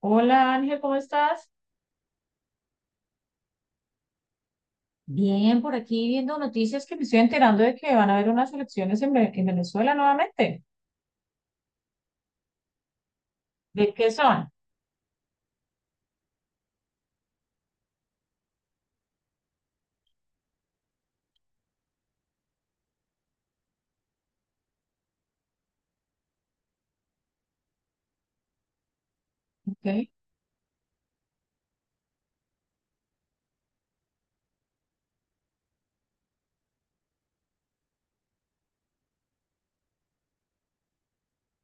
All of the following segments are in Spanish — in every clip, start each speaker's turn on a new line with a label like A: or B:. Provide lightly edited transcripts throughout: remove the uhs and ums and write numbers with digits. A: Hola Ángel, ¿cómo estás? Bien, por aquí viendo noticias que me estoy enterando de que van a haber unas elecciones en Venezuela nuevamente. ¿De qué son? Okay.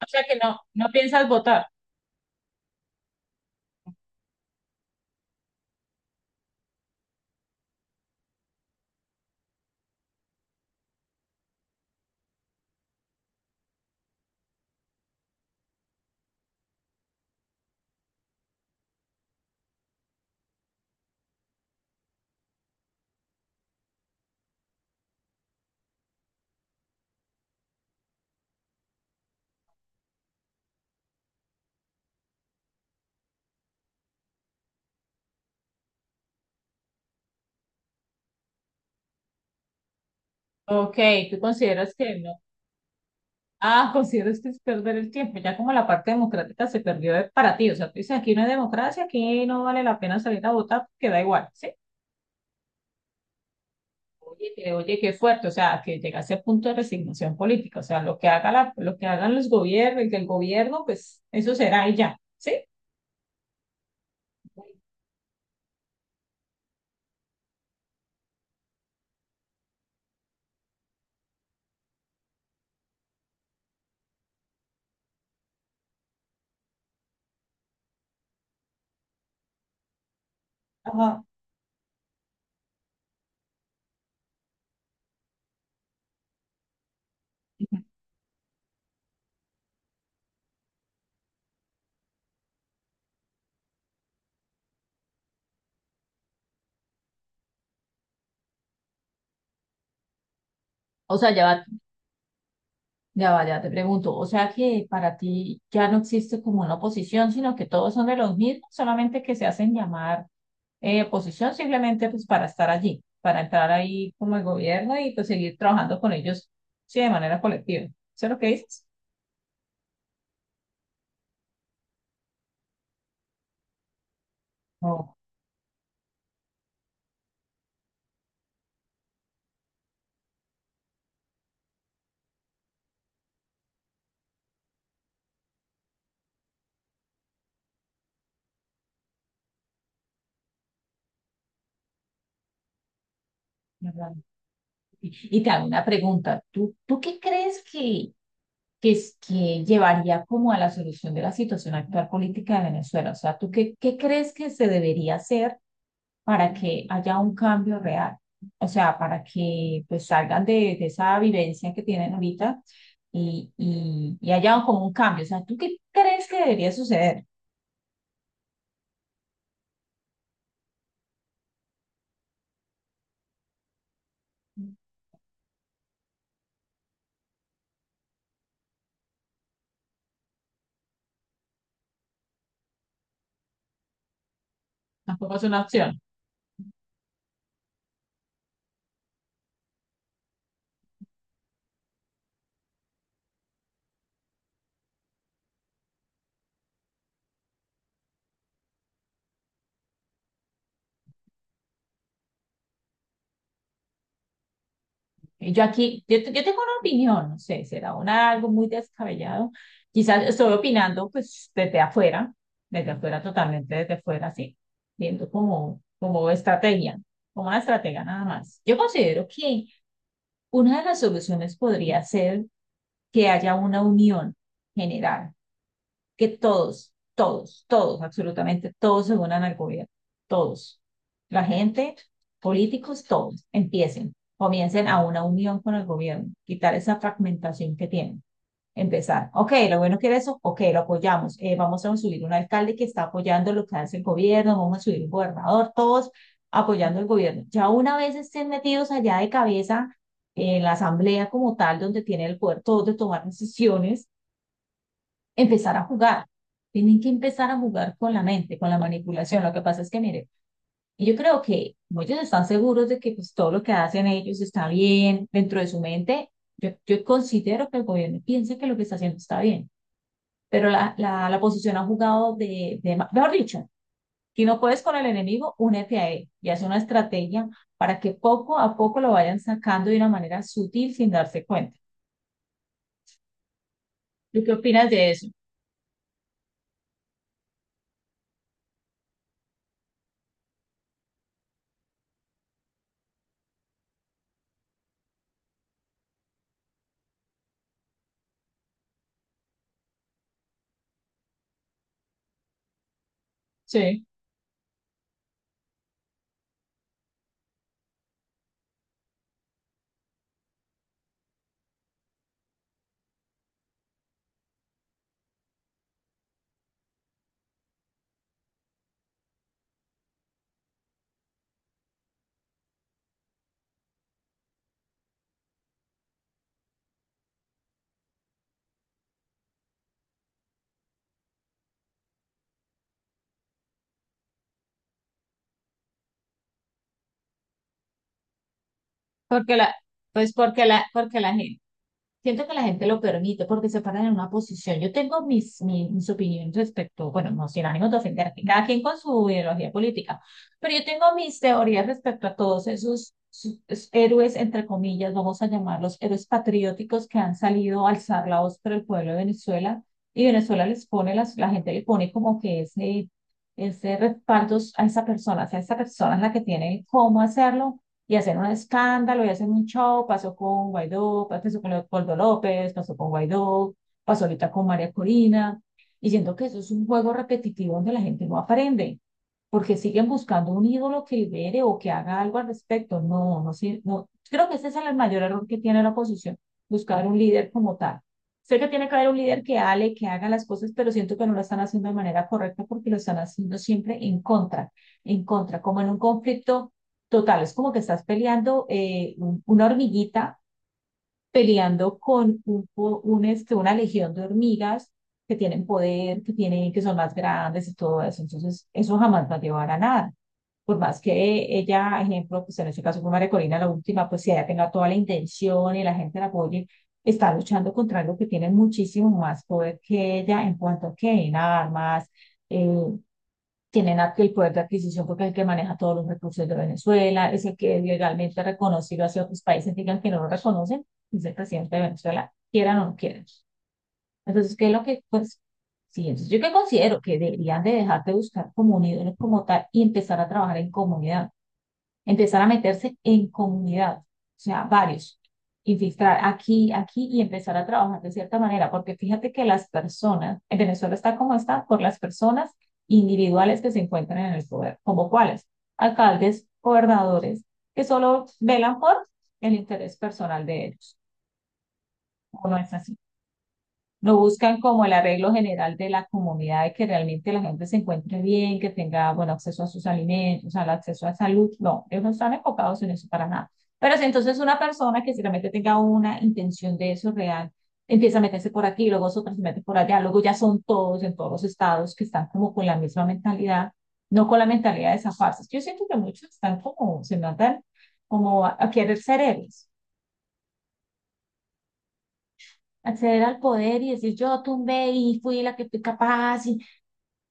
A: O sea que no, no piensas votar. Ok, tú consideras que no. Ah, consideras que es perder el tiempo. Ya como la parte democrática se perdió para ti. O sea, tú dices, aquí no hay democracia, aquí no vale la pena salir a votar porque da igual, ¿sí? Oye, oye, qué fuerte, o sea, que llegase a punto de resignación política, o sea, lo que haga la, lo que hagan los gobiernos, el del gobierno, pues eso será y ya, ¿sí? Ajá. O sea, ya va, ya va, ya te pregunto. O sea que para ti ya no existe como una oposición, sino que todos son de los mismos, solamente que se hacen llamar oposición simplemente pues para estar allí, para entrar ahí como el gobierno y pues seguir trabajando con ellos, sí, de manera colectiva. ¿Eso es lo que dices? No, ¿verdad? Y te hago una pregunta. ¿Tú qué crees que llevaría como a la solución de la situación actual política de Venezuela? O sea, ¿tú qué crees que se debería hacer para que haya un cambio real, o sea, para que pues salgan de esa vivencia que tienen ahorita y haya como un cambio. O sea, ¿tú qué crees que debería suceder? Tampoco es una opción. Yo tengo una opinión, no sé, será algo muy descabellado. Quizás estoy opinando pues desde afuera, totalmente desde afuera, sí, viendo como estrategia, como una estratega nada más. Yo considero que una de las soluciones podría ser que haya una unión general, que todos, todos, todos, absolutamente todos se unan al gobierno, todos. La gente, políticos, todos, empiecen, comiencen a una unión con el gobierno, quitar esa fragmentación que tienen. Empezar, ok, lo bueno que era eso, ok, lo apoyamos, vamos a subir un alcalde que está apoyando lo que hace el gobierno, vamos a subir un gobernador, todos apoyando el gobierno. Ya una vez estén metidos allá de cabeza en la asamblea como tal, donde tiene el poder todos de tomar decisiones, empezar a jugar. Tienen que empezar a jugar con la mente, con la manipulación. Lo que pasa es que, mire, y yo creo que ellos están seguros de que pues, todo lo que hacen ellos está bien dentro de su mente. Yo considero que el gobierno piensa que lo que está haciendo está bien, pero la oposición ha jugado mejor dicho, si no puedes con el enemigo, únete a él y hace una estrategia para que poco a poco lo vayan sacando de una manera sutil sin darse cuenta. ¿Tú qué opinas de eso? Sí, porque la, porque la gente. Siento que la gente lo permite porque se paran en una posición. Yo tengo mis opiniones respecto, bueno, no sin ánimo de ofender, cada quien con su ideología política, pero yo tengo mis teorías respecto a todos esos héroes, entre comillas, vamos a llamarlos héroes patrióticos que han salido a alzar la voz por el pueblo de Venezuela, y Venezuela la gente le pone como que ese, respaldo a esa persona, o sea, esa persona es la que tiene cómo hacerlo y hacer un escándalo y hacer un show. Pasó con Guaidó, pasó con Leopoldo López, pasó con Guaidó, pasó ahorita con María Corina. Y siento que eso es un juego repetitivo donde la gente no aprende, porque siguen buscando un ídolo que libere o que haga algo al respecto. No, no sé, no. Creo que ese es el mayor error que tiene la oposición, buscar un líder como tal. Sé que tiene que haber un líder que hable, que haga las cosas, pero siento que no lo están haciendo de manera correcta porque lo están haciendo siempre en contra, como en un conflicto total. Es como que estás peleando, una hormiguita, peleando con un, po- un, este, una legión de hormigas que tienen poder, que tienen, que son más grandes y todo eso. Entonces, eso jamás va a llevar a nada. Por más que ella, ejemplo, pues en este caso fue María Corina, la última, pues si ella tenga toda la intención y la gente la apoye, está luchando contra algo que tiene muchísimo más poder que ella en cuanto a que en armas, eh, tienen el poder de adquisición porque es el que maneja todos los recursos de Venezuela, es el que legalmente ha reconocido hacia otros países, digan que no lo reconocen, es el presidente de Venezuela, quieran o no quieran. Entonces, ¿qué es lo que, pues, sí, entonces yo que considero que deberían de dejar de buscar como un ídolo como tal y empezar a trabajar en comunidad, empezar a meterse en comunidad, o sea, varios, infiltrar aquí, aquí, y empezar a trabajar de cierta manera, porque fíjate que las personas, en Venezuela está como está, por las personas individuales que se encuentran en el poder, como cuáles, alcaldes, gobernadores, que solo velan por el interés personal de ellos, o no es así? Lo buscan como el arreglo general de la comunidad, de que realmente la gente se encuentre bien, que tenga, bueno, acceso a sus alimentos, al acceso a salud. No, ellos no están enfocados en eso para nada. Pero si entonces una persona que si realmente tenga una intención de eso real, empieza a meterse por aquí, luego otra se mete por allá, luego ya son todos en todos los estados que están como con la misma mentalidad, no con la mentalidad de zafarse. Yo siento que muchos están como, se matan como a querer ser héroes, acceder al poder y decir yo tumbé y fui la que fui capaz y.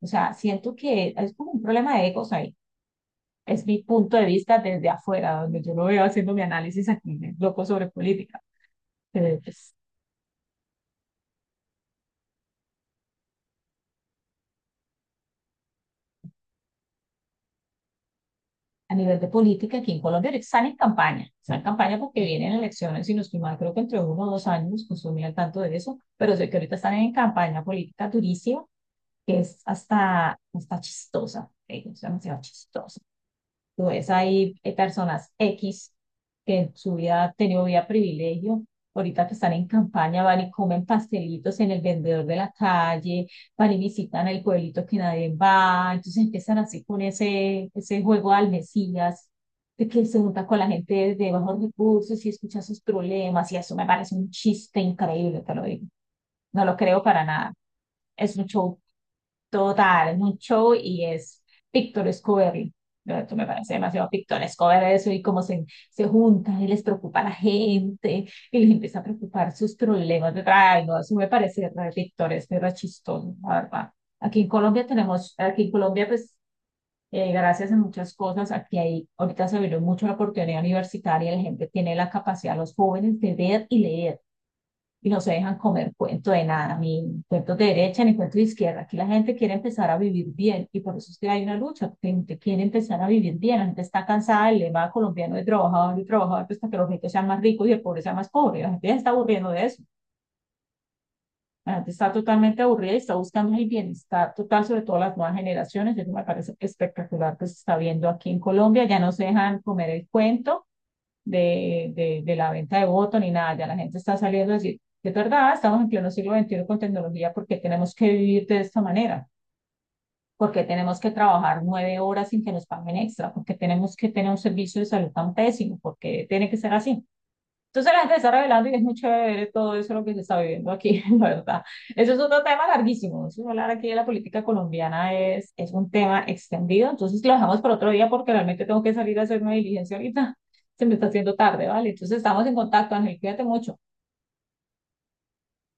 A: O sea, siento que es como un problema de egos ahí. Es mi punto de vista desde afuera, donde yo lo veo haciendo mi análisis aquí, loco sobre política. Pero pues, a nivel de política, aquí en Colombia están en campaña. Están en campaña porque vienen elecciones y nos mal, creo que entre uno o dos años, pues estoy muy al tanto de eso. Pero sé que ahorita están en campaña política durísima, que es hasta chistosa. Es demasiado chistosa. Tú ves ahí, personas X que en su vida han tenido vida privilegio, ahorita que están en campaña, van y comen pastelitos en el vendedor de la calle, van y visitan el pueblito que nadie va, entonces empiezan así con ese, juego al Mesías, de que se junta con la gente de bajos recursos y escucha sus problemas, y eso me parece un chiste increíble, te lo digo. No lo creo para nada. Es un show total, es un show y es pictoresco verlo. ¿No? Esto me parece demasiado pictoresco ver eso y cómo se juntan y les preocupa a la gente y les empieza a preocupar sus problemas de ay, no, eso me parece re pictoresco y re chistoso, la verdad. Aquí en Colombia tenemos, aquí en Colombia pues gracias a muchas cosas, aquí hay, ahorita se abrió mucho la oportunidad universitaria, la gente tiene la capacidad, los jóvenes de ver y leer, y no se dejan comer cuento de nada, ni cuentos de derecha, ni cuentos de izquierda. Aquí la gente quiere empezar a vivir bien y por eso es que hay una lucha, la gente quiere empezar a vivir bien, la gente está cansada del lema colombiano de trabajador y trabajador pues, hasta que los ricos sean más ricos y el pobre sea más pobre. La gente ya está aburriendo de eso, la gente está totalmente aburrida y está buscando el bienestar total, sobre todo las nuevas generaciones. Eso me parece espectacular que se está viendo aquí en Colombia, ya no se dejan comer el cuento de la venta de voto ni nada, ya la gente está saliendo a decir, es verdad, estamos en pleno siglo XXI con tecnología, ¿porque tenemos que vivir de esta manera? ¿Porque tenemos que trabajar 9 horas sin que nos paguen extra? ¿Porque tenemos que tener un servicio de salud tan pésimo? ¿Porque tiene que ser así? Entonces la gente está revelando y es muy chévere todo eso lo que se está viviendo aquí, la verdad. Eso es otro tema larguísimo. Eso hablar aquí de la política colombiana es un tema extendido. Entonces lo dejamos para otro día porque realmente tengo que salir a hacer una diligencia ahorita. Se me está haciendo tarde, ¿vale? Entonces estamos en contacto, Ángel. Cuídate mucho.